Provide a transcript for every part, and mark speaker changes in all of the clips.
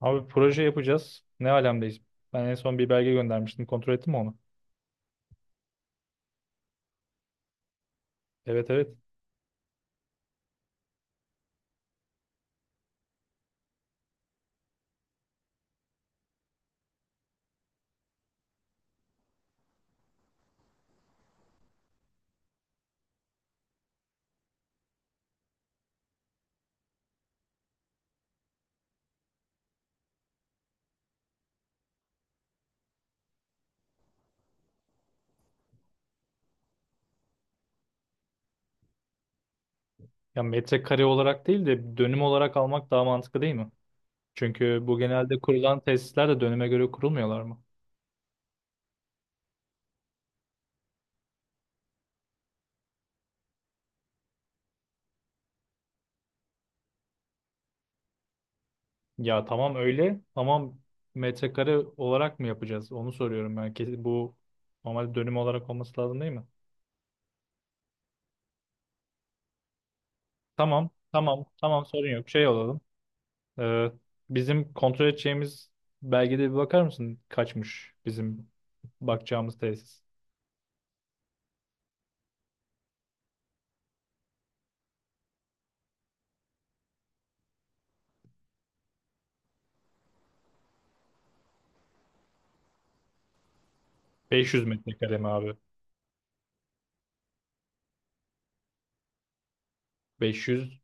Speaker 1: Abi proje yapacağız. Ne alemdeyiz? Ben en son bir belge göndermiştim. Kontrol ettin mi onu? Evet evet. Ya metrekare olarak değil de dönüm olarak almak daha mantıklı değil mi? Çünkü bu genelde kurulan tesisler de dönüme göre kurulmuyorlar mı? Ya tamam öyle ama metrekare olarak mı yapacağız? Onu soruyorum ben. Kesin bu normalde dönüm olarak olması lazım değil mi? Tamam tamam tamam sorun yok. Şey olalım. Ee, bizim kontrol edeceğimiz belgede bir bakar mısın? Kaçmış bizim bakacağımız tesis. 500 metrekare mi abi? 500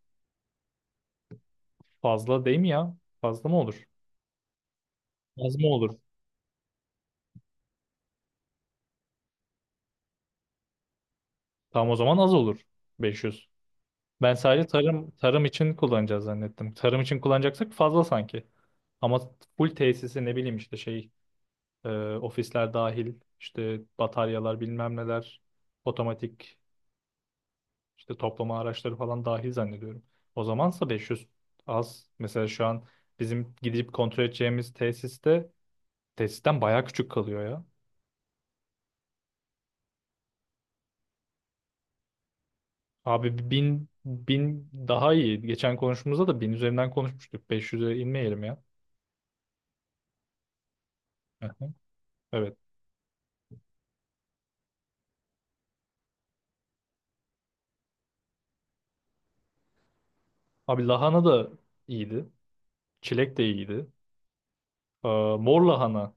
Speaker 1: fazla değil mi ya? Fazla mı olur? Az mı olur? Tam o zaman az olur. 500. Ben sadece tarım için kullanacağız zannettim. Tarım için kullanacaksak fazla sanki. Ama full tesisi ne bileyim işte şey e, ofisler dahil işte bataryalar bilmem neler otomatik işte toplama araçları falan dahil zannediyorum. O zamansa 500 az. Mesela şu an bizim gidip kontrol edeceğimiz tesisten bayağı küçük kalıyor ya. Abi bin daha iyi. Geçen konuşmamızda da bin üzerinden konuşmuştuk. 500'e inmeyelim ya. Hı hı. Evet. Abi lahana da iyiydi. Çilek de iyiydi. Ee, mor lahana.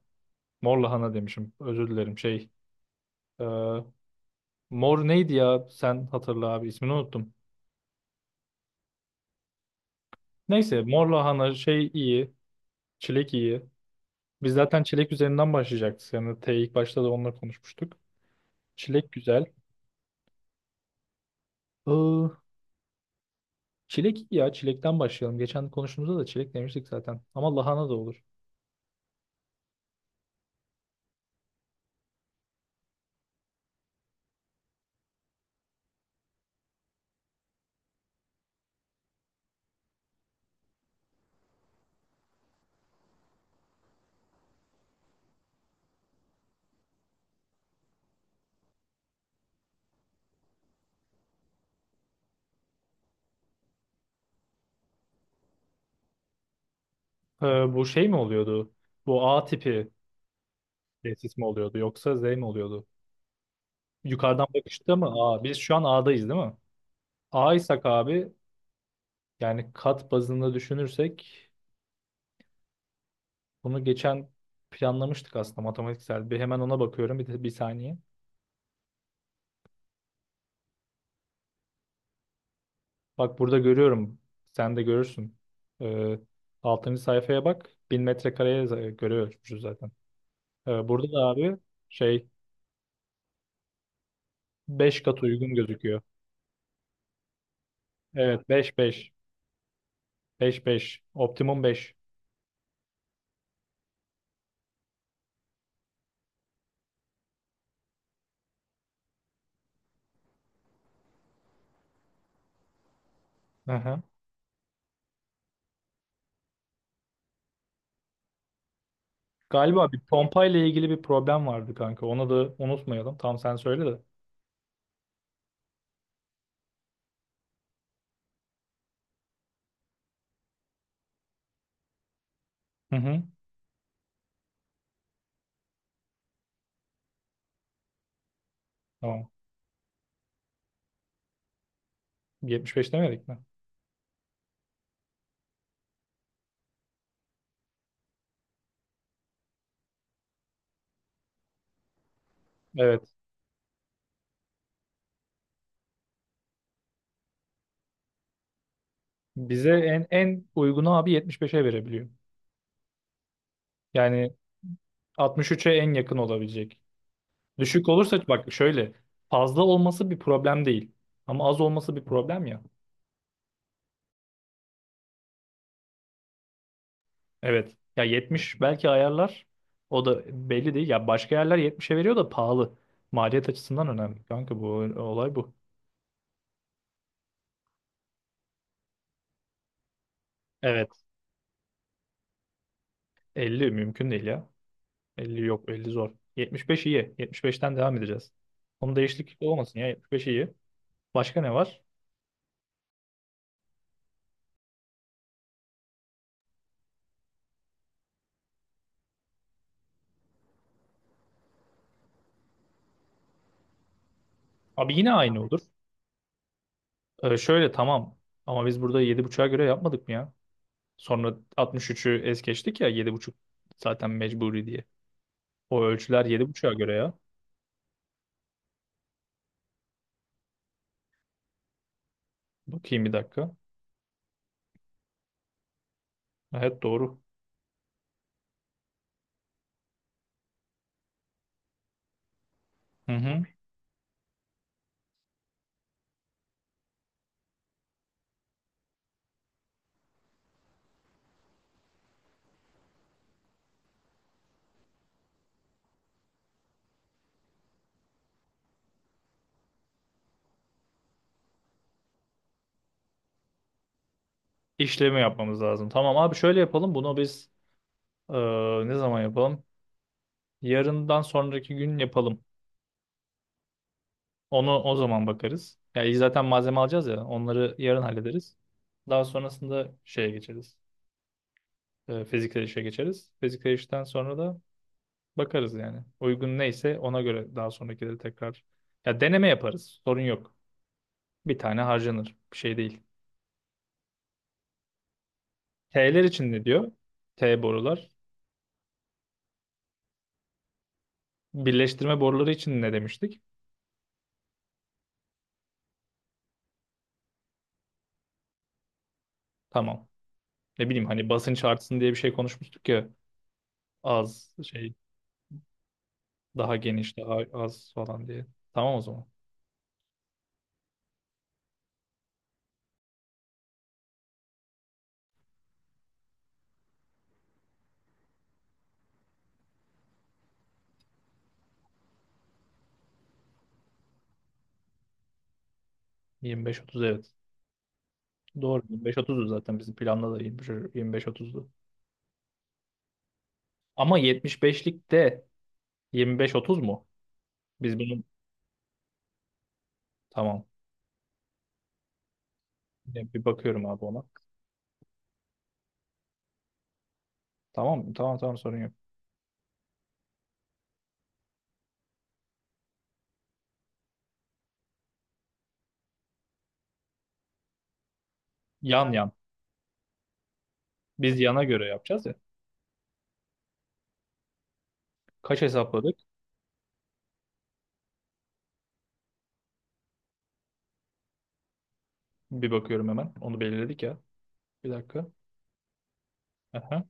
Speaker 1: Mor lahana demişim. Özür dilerim. Şey. e, Mor neydi ya? Sen hatırla abi. İsmini unuttum. Neyse. Mor lahana şey iyi. Çilek iyi. Biz zaten çilek üzerinden başlayacaktık. Yani ilk başta da onunla konuşmuştuk. Çilek güzel. Ee, Çilek iyi ya. Çilekten başlayalım. Geçen konuştuğumuzda da çilek demiştik zaten. Ama lahana da olur. Ee, bu şey mi oluyordu? Bu A tipi tesis mi oluyordu yoksa Z mi oluyordu? Yukarıdan bakışta mı? A. Biz şu an A'dayız değil mi? A'ysak abi yani kat bazında düşünürsek bunu geçen planlamıştık aslında matematiksel. Bir hemen ona bakıyorum bir saniye. Bak burada görüyorum. Sen de görürsün. Ee, 6. sayfaya bak. Bin metrekareye görüyoruz zaten. Burada da abi şey beş kat uygun gözüküyor. Evet 5 5, 5 5, optimum 5. Aha. Galiba bir pompa ile ilgili bir problem vardı kanka. Onu da unutmayalım. Tam sen söyle de. Hı hı. Tamam. Yetmiş beş demedik mi? Evet. Bize en uygunu abi yetmiş beş'e verebiliyor. Yani altmış üç'e en yakın olabilecek. Düşük olursa bak şöyle fazla olması bir problem değil. Ama az olması bir problem ya. Evet. Ya 70 belki ayarlar. O da belli değil. Ya başka yerler 70'e veriyor da pahalı. Maliyet açısından önemli. Kanka bu olay bu. Evet. 50 mümkün değil ya. 50 yok, 50 zor. 75 iyi. 75'ten devam edeceğiz. Onun değişiklik olmasın ya. 75 iyi. Başka ne var? Abi yine aynı olur. Şöyle tamam. Ama biz burada 7,5'a göre yapmadık mı ya? Sonra 63'ü es geçtik ya yedi buçuk zaten mecburi diye. O ölçüler 7,5'a göre ya. Bakayım bir dakika. Evet doğru. Hı hı. işlemi yapmamız lazım. Tamam abi şöyle yapalım. Bunu biz e, ne zaman yapalım? Yarından sonraki gün yapalım. Onu o zaman bakarız. Yani zaten malzeme alacağız ya. Onları yarın hallederiz. Daha sonrasında şeye geçeriz. Fiziksel işe geçeriz. Fiziksel işten sonra da bakarız yani. Uygun neyse ona göre daha sonrakileri tekrar. Ya deneme yaparız. Sorun yok. Bir tane harcanır. Bir şey değil. T'ler için ne diyor? T borular. Birleştirme boruları için ne demiştik? Tamam. Ne bileyim hani basınç artsın diye bir şey konuşmuştuk ya az şey daha geniş daha az falan diye. Tamam o zaman. 25-30 evet. Doğru 25-30'du zaten bizim planda da 25-30'du. Ama 75'lik de 25-30 mu? Biz bunun tamam. Bir bakıyorum abi ona. Tamam tamam tamam sorun yok. Yan yan. Biz yana göre yapacağız ya. Kaç hesapladık? Bir bakıyorum hemen. Onu belirledik ya. Bir dakika. Aha.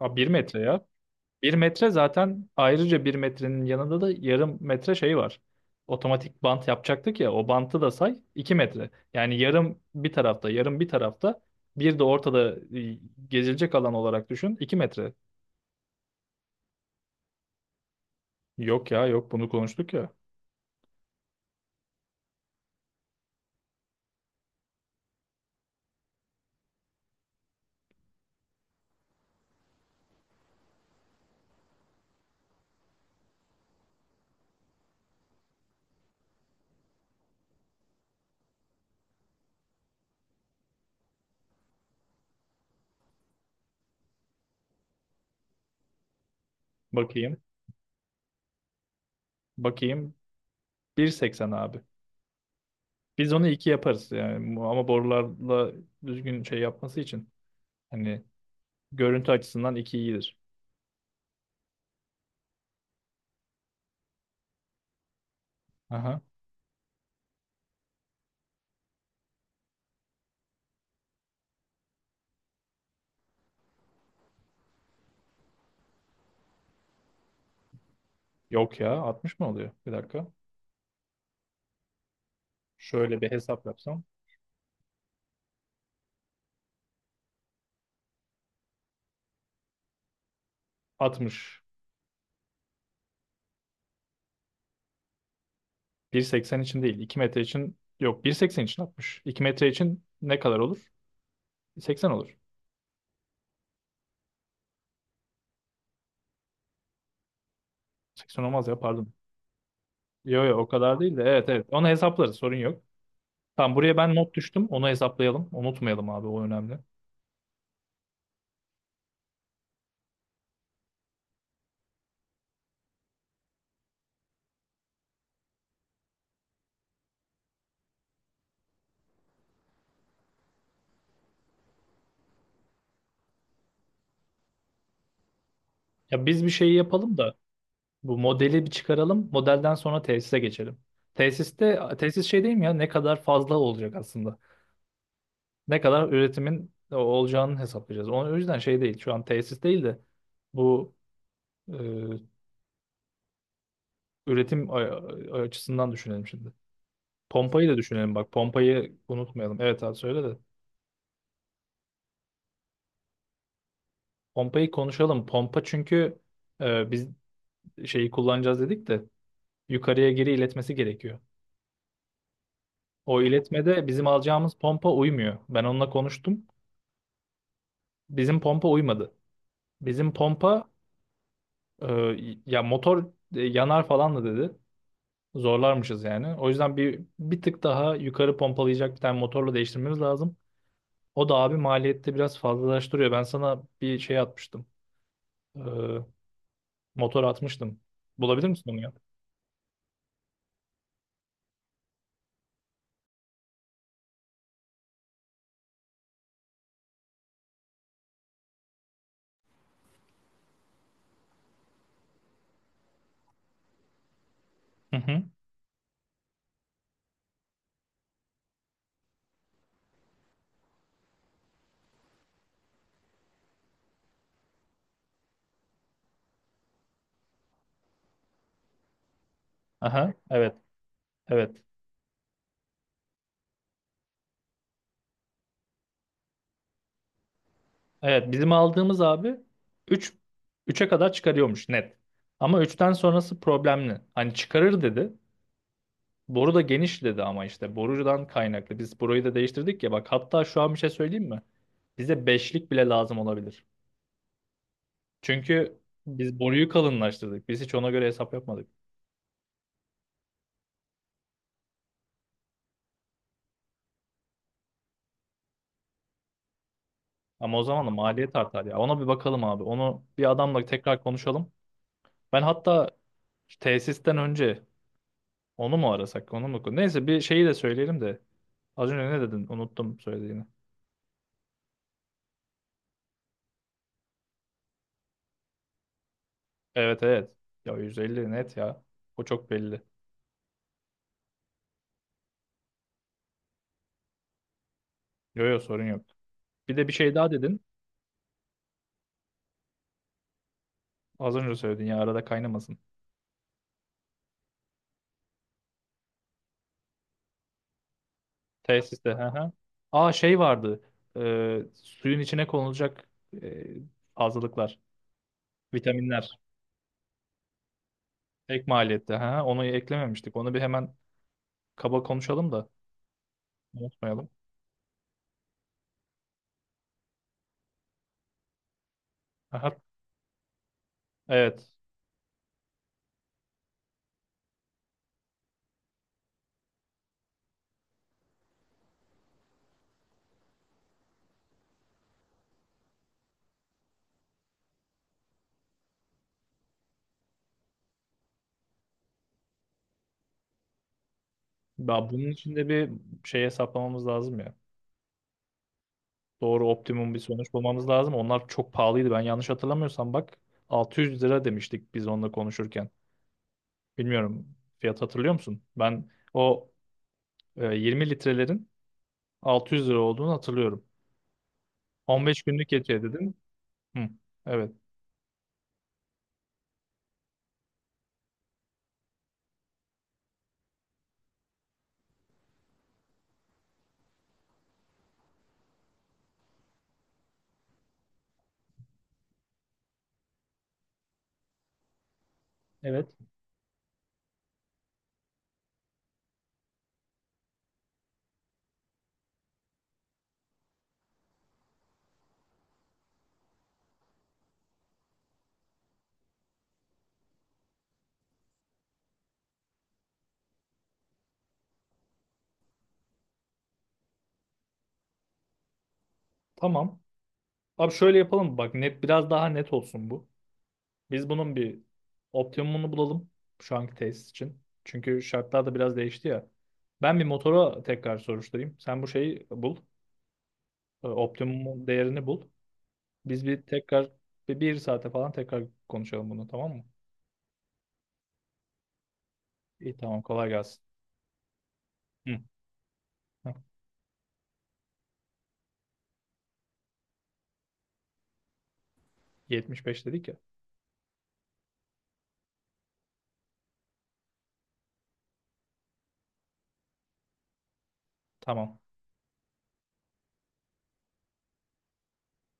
Speaker 1: Aa, 1 metre ya. Bir metre zaten ayrıca bir metrenin yanında da yarım metre şey var. Otomatik bant yapacaktık ya o bantı da say 2 metre. Yani yarım bir tarafta yarım bir tarafta bir de ortada gezilecek alan olarak düşün 2 metre. Yok ya yok bunu konuştuk ya. Bakayım bakayım, bir seksen abi. Biz onu 2 yaparız yani ama borularla düzgün şey yapması için. Hani görüntü açısından 2 iyidir. Aha. Yok ya, altmış mı oluyor? Bir dakika. Şöyle bir hesap yapsam. 60. 1,80 için değil. 2 metre için yok. 1,80 için 60. 2 metre için ne kadar olur? 80 olur. 80 olmaz ya pardon. Yok yok o kadar değil de evet evet. Onu hesaplarız sorun yok. Tamam buraya ben not düştüm. Onu hesaplayalım. Unutmayalım abi, o önemli. Ya biz bir şeyi yapalım da bu modeli bir çıkaralım. Modelden sonra tesise geçelim. Tesiste tesis şey değil mi ya ne kadar fazla olacak aslında. Ne kadar üretimin olacağını hesaplayacağız. O yüzden şey değil. Şu an tesis değil de bu üretim açısından düşünelim şimdi. Pompayı da düşünelim bak. Pompayı unutmayalım. Evet abi söyle de. Pompayı konuşalım. Pompa çünkü biz şeyi kullanacağız dedik de yukarıya geri iletmesi gerekiyor. O iletmede bizim alacağımız pompa uymuyor. Ben onunla konuştum. Bizim pompa uymadı. Bizim pompa e, ya motor yanar falan da dedi. Zorlarmışız yani. O yüzden bir tık daha yukarı pompalayacak bir tane motorla değiştirmemiz lazım. O da abi maliyette biraz fazlalaştırıyor. Ben sana bir şey atmıştım. Ee, motor atmıştım. Bulabilir misin onu ya? Hı hı. Aha. Evet. Evet. Evet. Bizim aldığımız abi 3 üçe kadar çıkarıyormuş net. Ama üçten sonrası problemli. Hani çıkarır dedi. Boru da geniş dedi ama işte borudan kaynaklı. Biz boruyu da değiştirdik ya bak, hatta şu an bir şey söyleyeyim mi? Bize beşlik bile lazım olabilir. Çünkü biz boruyu kalınlaştırdık. Biz hiç ona göre hesap yapmadık. Ama o zaman da maliyet artar ya. Ona bir bakalım abi. Onu bir adamla tekrar konuşalım. Ben hatta tesisten önce onu mu arasak, onu mu? Neyse bir şeyi de söyleyelim de. Az önce ne dedin? Unuttum söylediğini. Evet evet. Ya 150 net ya. O çok belli. Yo yo sorun yok. Bir de bir şey daha dedin. Az önce söyledin ya arada kaynamasın. Tesiste. Hı hı. Aa şey vardı. Suyun içine konulacak e, fazlalıklar. Vitaminler. Ek maliyette. Hı hı. Onu eklememiştik. Onu bir hemen kaba konuşalım da unutmayalım. Aha, evet. Ya bunun için de bir şey hesaplamamız lazım ya. Doğru, optimum bir sonuç bulmamız lazım. Onlar çok pahalıydı. Ben yanlış hatırlamıyorsam bak 600 lira demiştik biz onunla konuşurken. Bilmiyorum. Fiyat hatırlıyor musun? Ben o 20 litrelerin 600 lira olduğunu hatırlıyorum. 15 günlük yetiyor dedin. Hı, evet. Evet. Tamam. Abi şöyle yapalım. Bak net, biraz daha net olsun bu. Biz bunun bir optimumunu bulalım şu anki tesis için. Çünkü şartlar da biraz değişti ya. Ben bir motora tekrar soruşturayım. Sen bu şeyi bul. Optimum değerini bul. Biz bir tekrar bir saate falan tekrar konuşalım bunu tamam mı? İyi tamam, kolay gelsin. Hı. Hı. 75 dedik ya. Tamam.